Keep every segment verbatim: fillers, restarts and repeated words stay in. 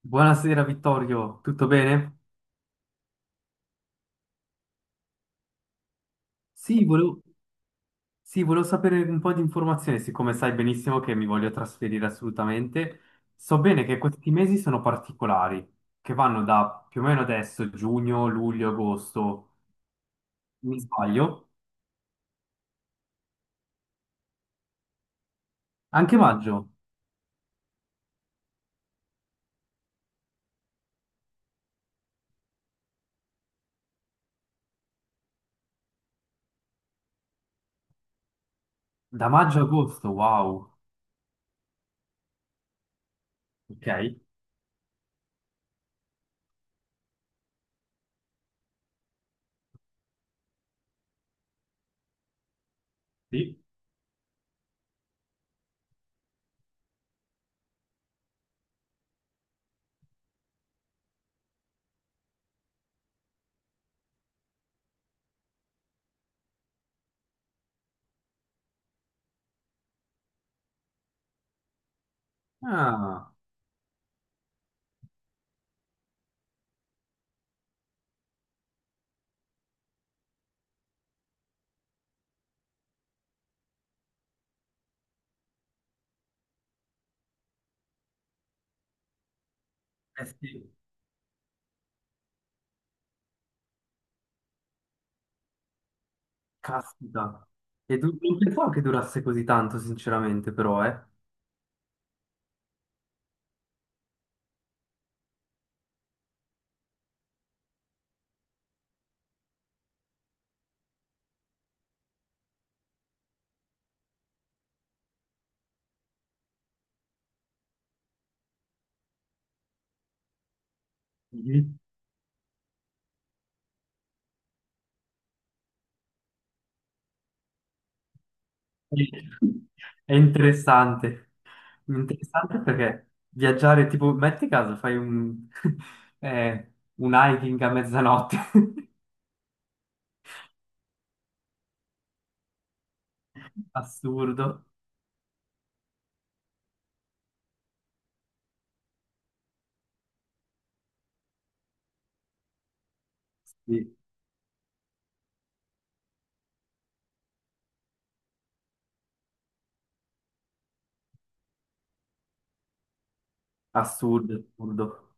Buonasera Vittorio, tutto bene? Sì, volevo, sì, volevo sapere un po' di informazioni, siccome sai benissimo che mi voglio trasferire assolutamente. So bene che questi mesi sono particolari, che vanno da più o meno adesso, giugno, luglio, agosto, mi sbaglio? Anche maggio, da maggio a agosto, wow, ok, sì. Ah, eh sì, caspita. E du- non pensavo che durasse così tanto, sinceramente, però, eh. È interessante. Interessante perché viaggiare, tipo, metti caso, fai un, eh, un hiking a mezzanotte. Assurdo. Sì, assurdo, assurdo.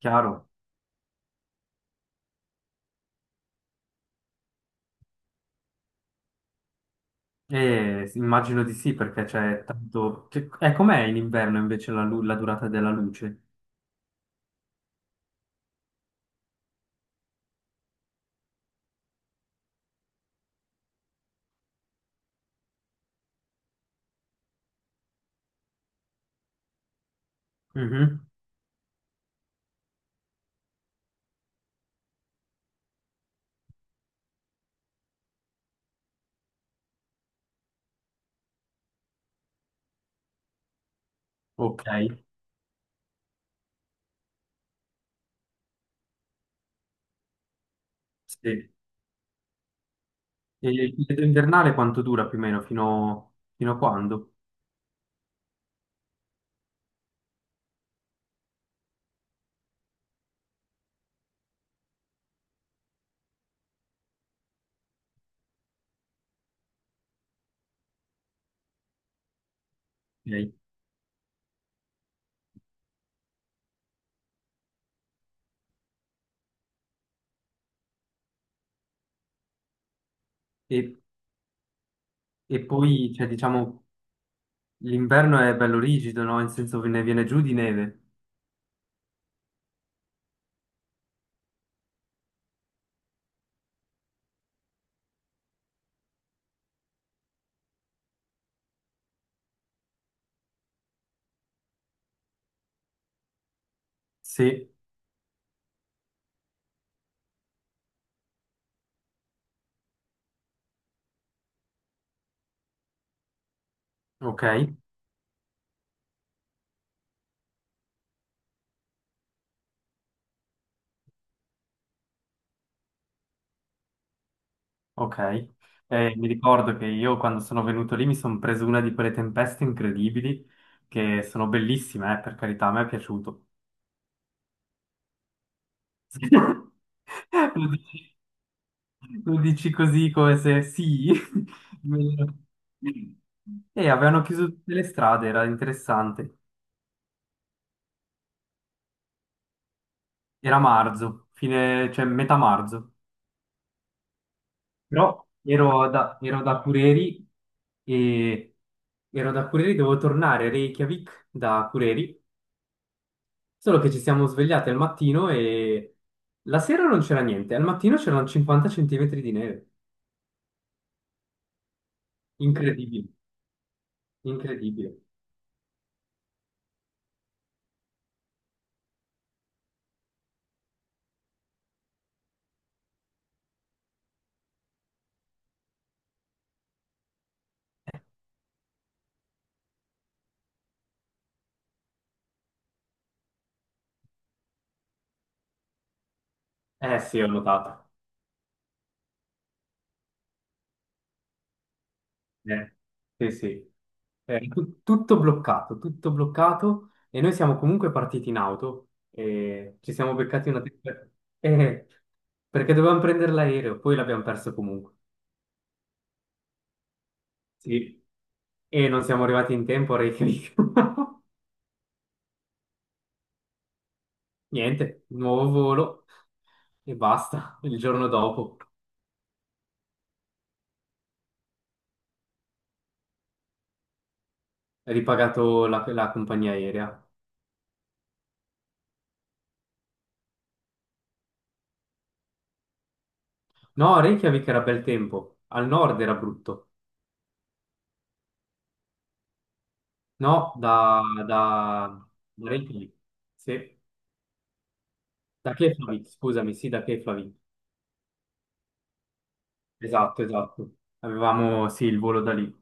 Chiaro. E immagino di sì, perché c'è tanto... Cioè, eh, com'è in inverno invece la, lu- la durata della luce? Mhm. Ok, sì. E il periodo invernale quanto dura più o meno? Fino, fino a quando? Ok. E, e poi, cioè, diciamo... L'inverno è bello rigido, no? In senso che ne viene giù di neve. Sì, ok, ok. Eh, mi ricordo che io quando sono venuto lì mi sono preso una di quelle tempeste incredibili che sono bellissime, eh, per carità, a me è piaciuto. Lo dici, lo dici così come se sì. Me- E avevano chiuso tutte le strade, era interessante. Era marzo, fine, cioè metà marzo. Però ero da, ero da Cureri e ero da Cureri, dovevo tornare a Reykjavik da Cureri, solo che ci siamo svegliati al mattino e la sera non c'era niente, al mattino c'erano cinquanta centimetri di neve. Incredibile, incredibile. Eh sì, ho notato. Eh, sì, sì. Eh, tu- tutto bloccato, tutto bloccato e noi siamo comunque partiti in auto e ci siamo beccati una tempesta. Eh, perché dovevamo prendere l'aereo, poi l'abbiamo perso comunque. Sì. E non siamo arrivati in tempo a Reykjavik. Niente, nuovo volo e basta. Il giorno dopo è ripagato la, la compagnia aerea. No, Reykjavik era bel tempo, al nord era brutto. No, da, da, da Reykjavik. Sì, da Keflavik, scusami, sì, da Keflavik. Esatto, esatto. Avevamo, sì, il volo da lì.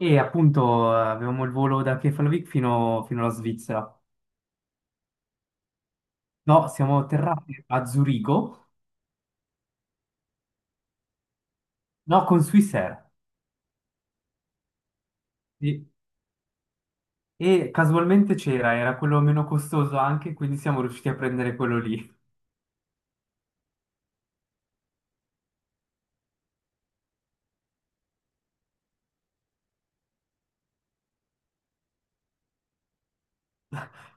E appunto eh, avevamo il volo da Keflavik fino, fino alla Svizzera. No, siamo atterrati a Zurigo. No, con Swissair. Sì. E casualmente c'era, era quello meno costoso anche, quindi siamo riusciti a prendere quello lì.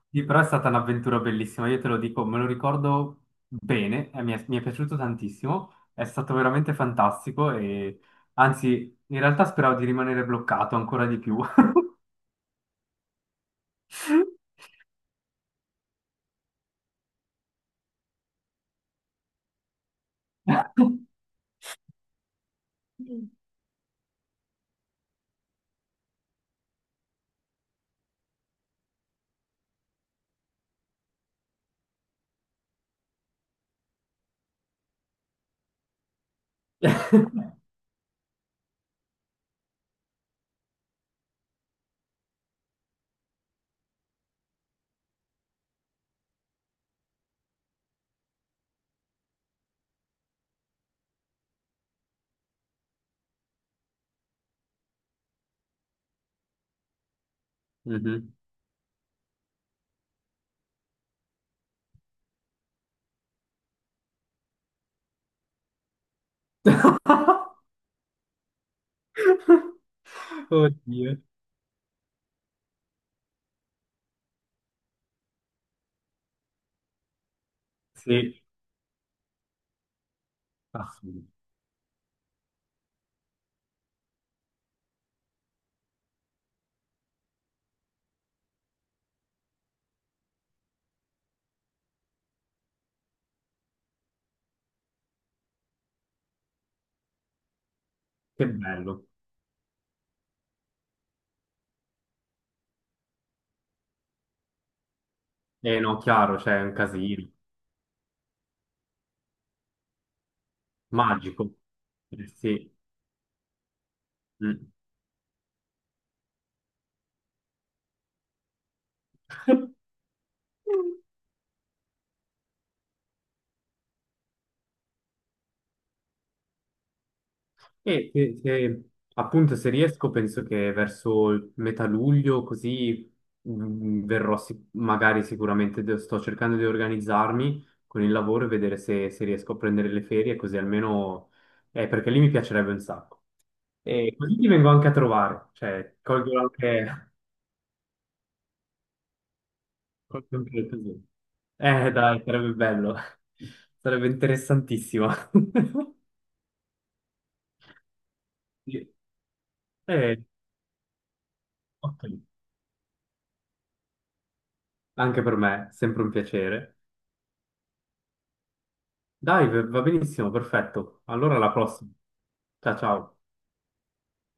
Sì, però è stata un'avventura bellissima, io te lo dico, me lo ricordo bene, e mi è, mi è piaciuto tantissimo, è stato veramente fantastico e anzi, in realtà speravo di rimanere bloccato ancora di più. Mhm. Oddio. Sì, ah, che bello. Eh no, chiaro, c'è un casino. Magico. Eh, sì. Mm. E se, se- appunto se riesco penso che verso il metà luglio così mh, verrò sic- magari sicuramente de- sto cercando di organizzarmi con il lavoro e vedere se, se riesco a prendere le ferie così almeno eh, perché lì mi piacerebbe un sacco. E così ti vengo anche a trovare, cioè colgo anche, colgo anche l'occasione. Eh dai, sarebbe bello, sarebbe interessantissimo. Sì. Eh, ok. Anche per me, sempre un piacere. Dai, va va benissimo, perfetto. Allora alla prossima. Ciao ciao.